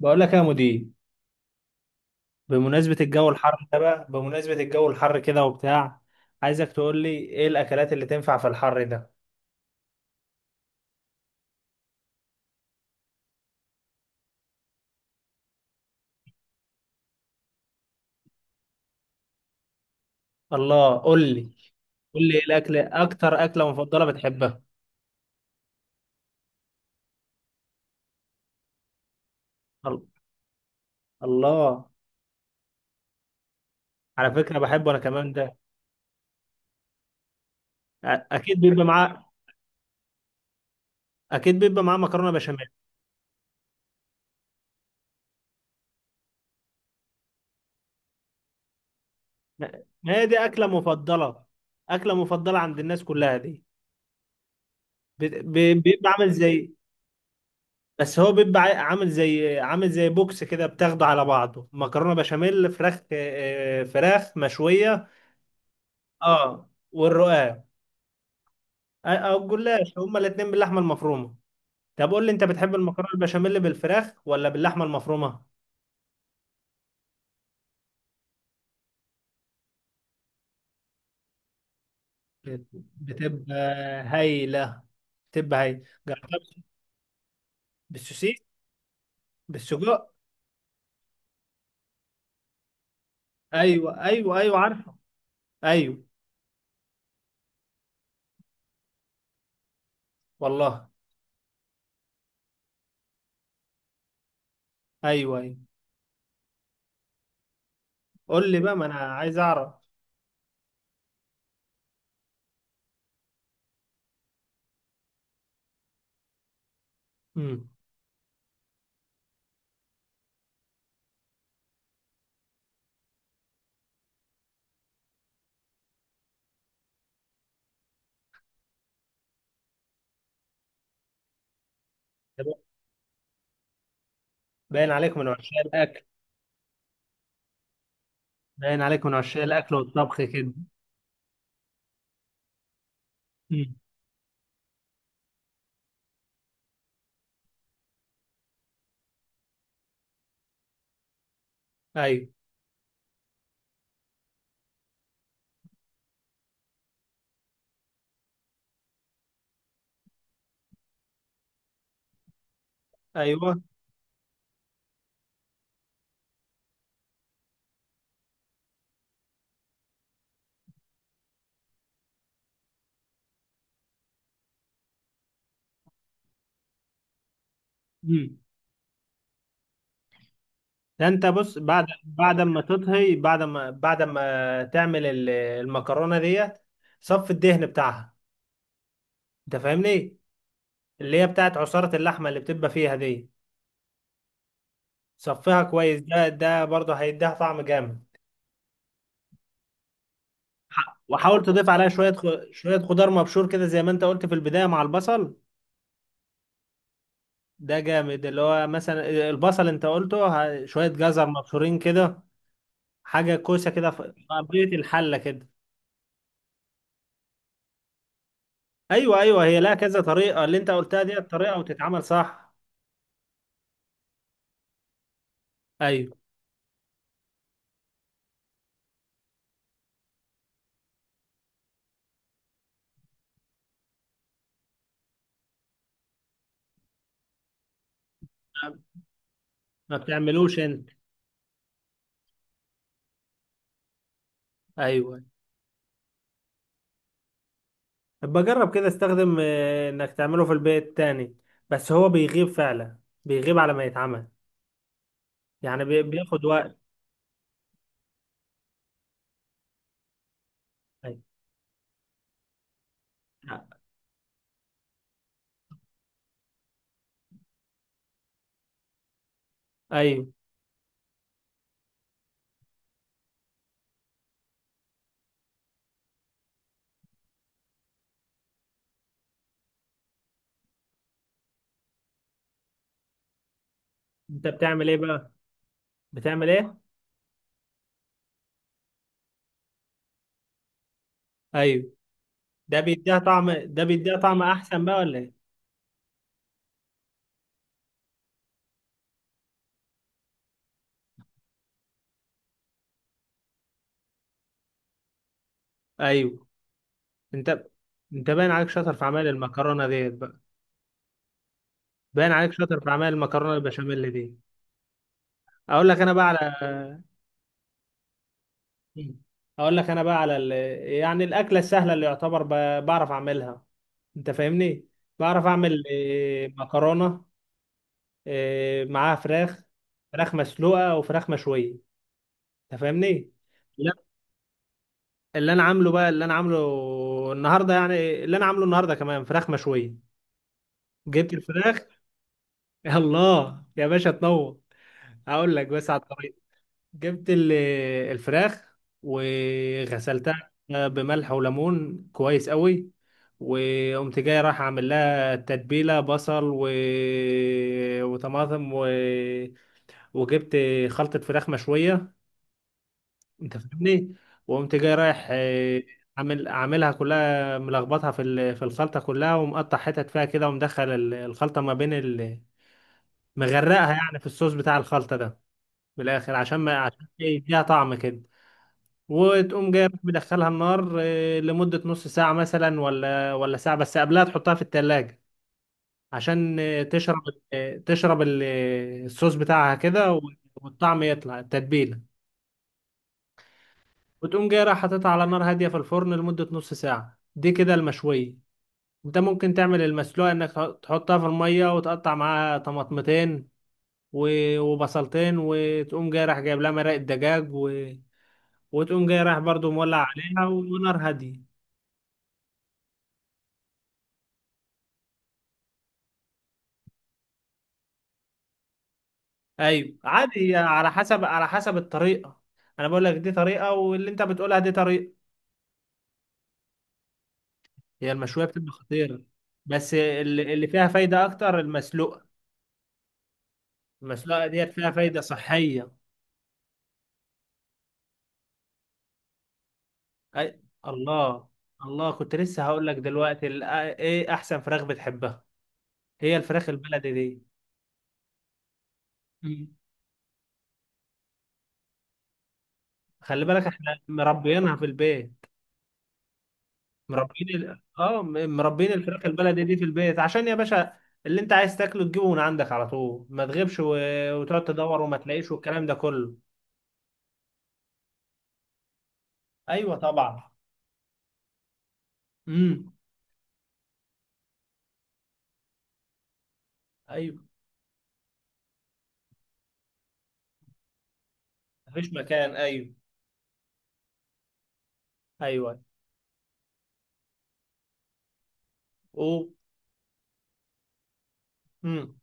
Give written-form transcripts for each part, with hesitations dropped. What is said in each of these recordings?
بقول لك يا مدير، بمناسبة الجو الحر ده بقى، بمناسبة الجو الحر كده وبتاع. عايزك تقول لي ايه الاكلات اللي تنفع في الحر ده؟ الله، قول لي. قول لي إيه الاكل، اكتر اكلة مفضلة بتحبها. ال- الله. على فكرة بحبه انا كمان ده. اكيد بيبقى معاه، اكيد بيبقى معاه مكرونة بشاميل. ما هي دي اكلة مفضلة، اكلة مفضلة عند الناس كلها دي. بيبقى عامل زي، بس هو بيبقى عامل زي، بوكس كده، بتاخده على بعضه مكرونه بشاميل، فراخ، فراخ مشويه. اه، والرقاق. او الجلاش، هما الاثنين باللحمه المفرومه. طب قول لي، انت بتحب المكرونه البشاميل بالفراخ ولا باللحمه المفرومه؟ بت- بتبقى هايله، بتبقى هايله جربتها بالسوسيس. بالسجق. ايوه، ايوه، ايوه، عارفه. ايوه. والله. ايوه، ايوه. قول لي بقى، ما انا عايز اعرف. امم. باين عليكم من عشاق الاكل. باين عليك من عشاق الاكل والطبخ كده. مم. ايوه، ايوه. مم. ده انت بص، بعد ما تطهي، بعد ما تعمل المكرونه ديت، صف الدهن بتاعها، انت فاهمني؟ اللي هي بتاعت عصاره اللحمه اللي بتبقى فيها دي، صفيها كويس. ده برضه هيديها طعم جامد. وحاول تضيف عليها شويه شويه خضار مبشور كده، زي ما انت قلت في البدايه مع البصل. ده جامد، اللي هو مثلا البصل انت قلته، شويه جزر مبشورين كده، حاجه كوسه كده في قضيه الحله كده. ايوه، ايوه، هي لها كذا طريقه، اللي انت قلتها دي الطريقه وتتعمل صح. ايوه. ما بتعملوش انت؟ ايوه. بجرب كده، استخدم، انك تعمله في البيت تاني، بس هو بيغيب فعلا، بيغيب على ما يتعمل. يعني بياخد وقت. ايوه، ايوه. انت بتعمل ايه بقى؟ بتعمل ايه؟ ايوه، ده بيديها طعم، احسن بقى ولا ايه؟ ايوه. انت انت باين عليك شاطر في عمل المكرونه ديت بقى. باين عليك شاطر في اعمال المكرونه البشاميل دي. اقول لك انا بقى على اقول لك انا بقى على يعني الاكله السهله اللي يعتبر بعرف اعملها، انت فاهمني؟ بعرف اعمل مكرونه، معاها فراخ، فراخ مسلوقه وفراخ مشويه، انت فاهمني؟ لا، اللي انا عامله النهارده، يعني اللي انا عامله النهارده كمان فراخ مشويه. جبت الفراخ يا الله يا باشا، تنور. هقول لك بس على الطريقه. جبت الفراخ وغسلتها بملح وليمون كويس قوي، وقمت جاي رايح اعمل لها تتبيله بصل و... وطماطم و... وجبت خلطه فراخ مشويه، انت فاهمني؟ وقمت جاي رايح، عامل، عاملها كلها، ملخبطها في الخلطه كلها، ومقطع حتت فيها كده، ومدخل الخلطه ما بين ال... مغرقها يعني في الصوص بتاع الخلطه ده بالاخر، عشان ما عشان يديها طعم كده، وتقوم جايب مدخلها النار، لمدة نص ساعة مثلا، ولا ساعة، بس قبلها تحطها في التلاجة عشان تشرب، الصوص بتاعها كده و- والطعم يطلع، التتبيلة. وتقوم جاي رايح حاططها على نار هادية في الفرن لمدة نص ساعة، دي كده المشوية. انت ممكن تعمل المسلوقة، انك تحطها في المية، وتقطع معاها طماطمتين و- وبصلتين، وتقوم جاي رايح جايب لها مرقة دجاج و... وتقوم جاي رايح برضو مولع عليها ونار هادية. ايوه، عادي، هي على حسب، على حسب الطريقه. انا بقول لك دي طريقه، واللي انت بتقولها دي طريقه. هي المشويه بتبقى خطيره، بس اللي فيها فايده اكتر المسلوقه. المسلوقه ديت فيها فايده صحيه. أي... الله، الله. كنت لسه هقول لك دلوقتي ايه احسن فراخ بتحبها. هي الفراخ البلدي دي. مم. خلي بالك، احنا مربيينها في البيت. مربين ال... اه، مربين الفراخ البلدي دي في البيت، عشان يا باشا اللي انت عايز تاكله تجيبه من عندك على طول، ما تغيبش و... وتقعد تدور وما تلاقيش، والكلام ده كله. ايوه، طبعا. امم. ايوه. مفيش مكان، ايوه. ايوه. او. امم.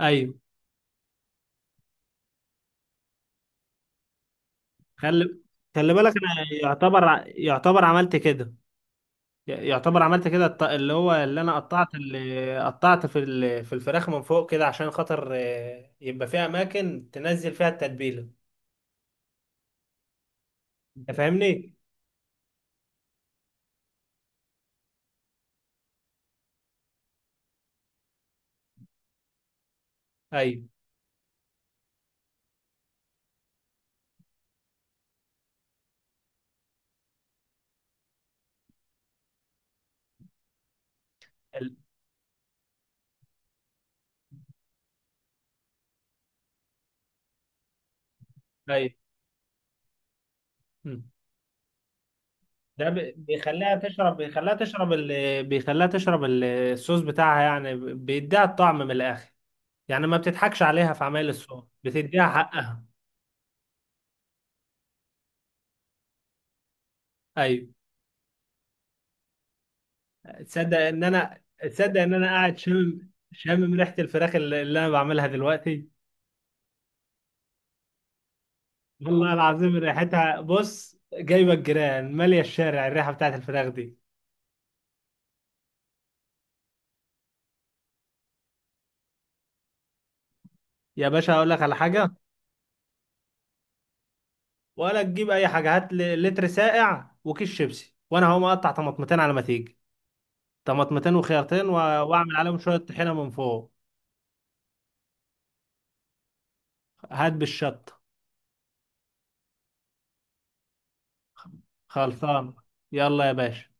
ايوه. خلي خلي بالك، انا يعتبر يعتبر عملت كده. يعتبر عملت كده، اللي هو اللي قطعت في الفراخ من فوق كده، عشان خاطر، يبقى فيها اماكن تنزل فيها التتبيله، انت فاهمني؟ ايوه. ال- ايوه. مم. ده بيخليها تشرب، الصوص بتاعها، يعني بيديها الطعم من الاخر، يعني ما بتضحكش عليها في عمايل الصوص، بتديها حقها. ايوه. تصدق ان انا قاعد شامم، شامم ريحه الفراخ اللي انا بعملها دلوقتي. والله العظيم ريحتها، بص، جايبه الجيران ماليه الشارع، الريحه بتاعت الفراخ دي. يا باشا، اقول لك على حاجه. ولا تجيب اي حاجه، هات لي لتر ساقع وكيس شيبسي، وانا هقوم اقطع طماطمتين على ما تيجي. طماطمتين وخيارتين و- واعمل عليهم شوية طحينة من فوق. هات بالشطة. خلصان. يلا يا باشا.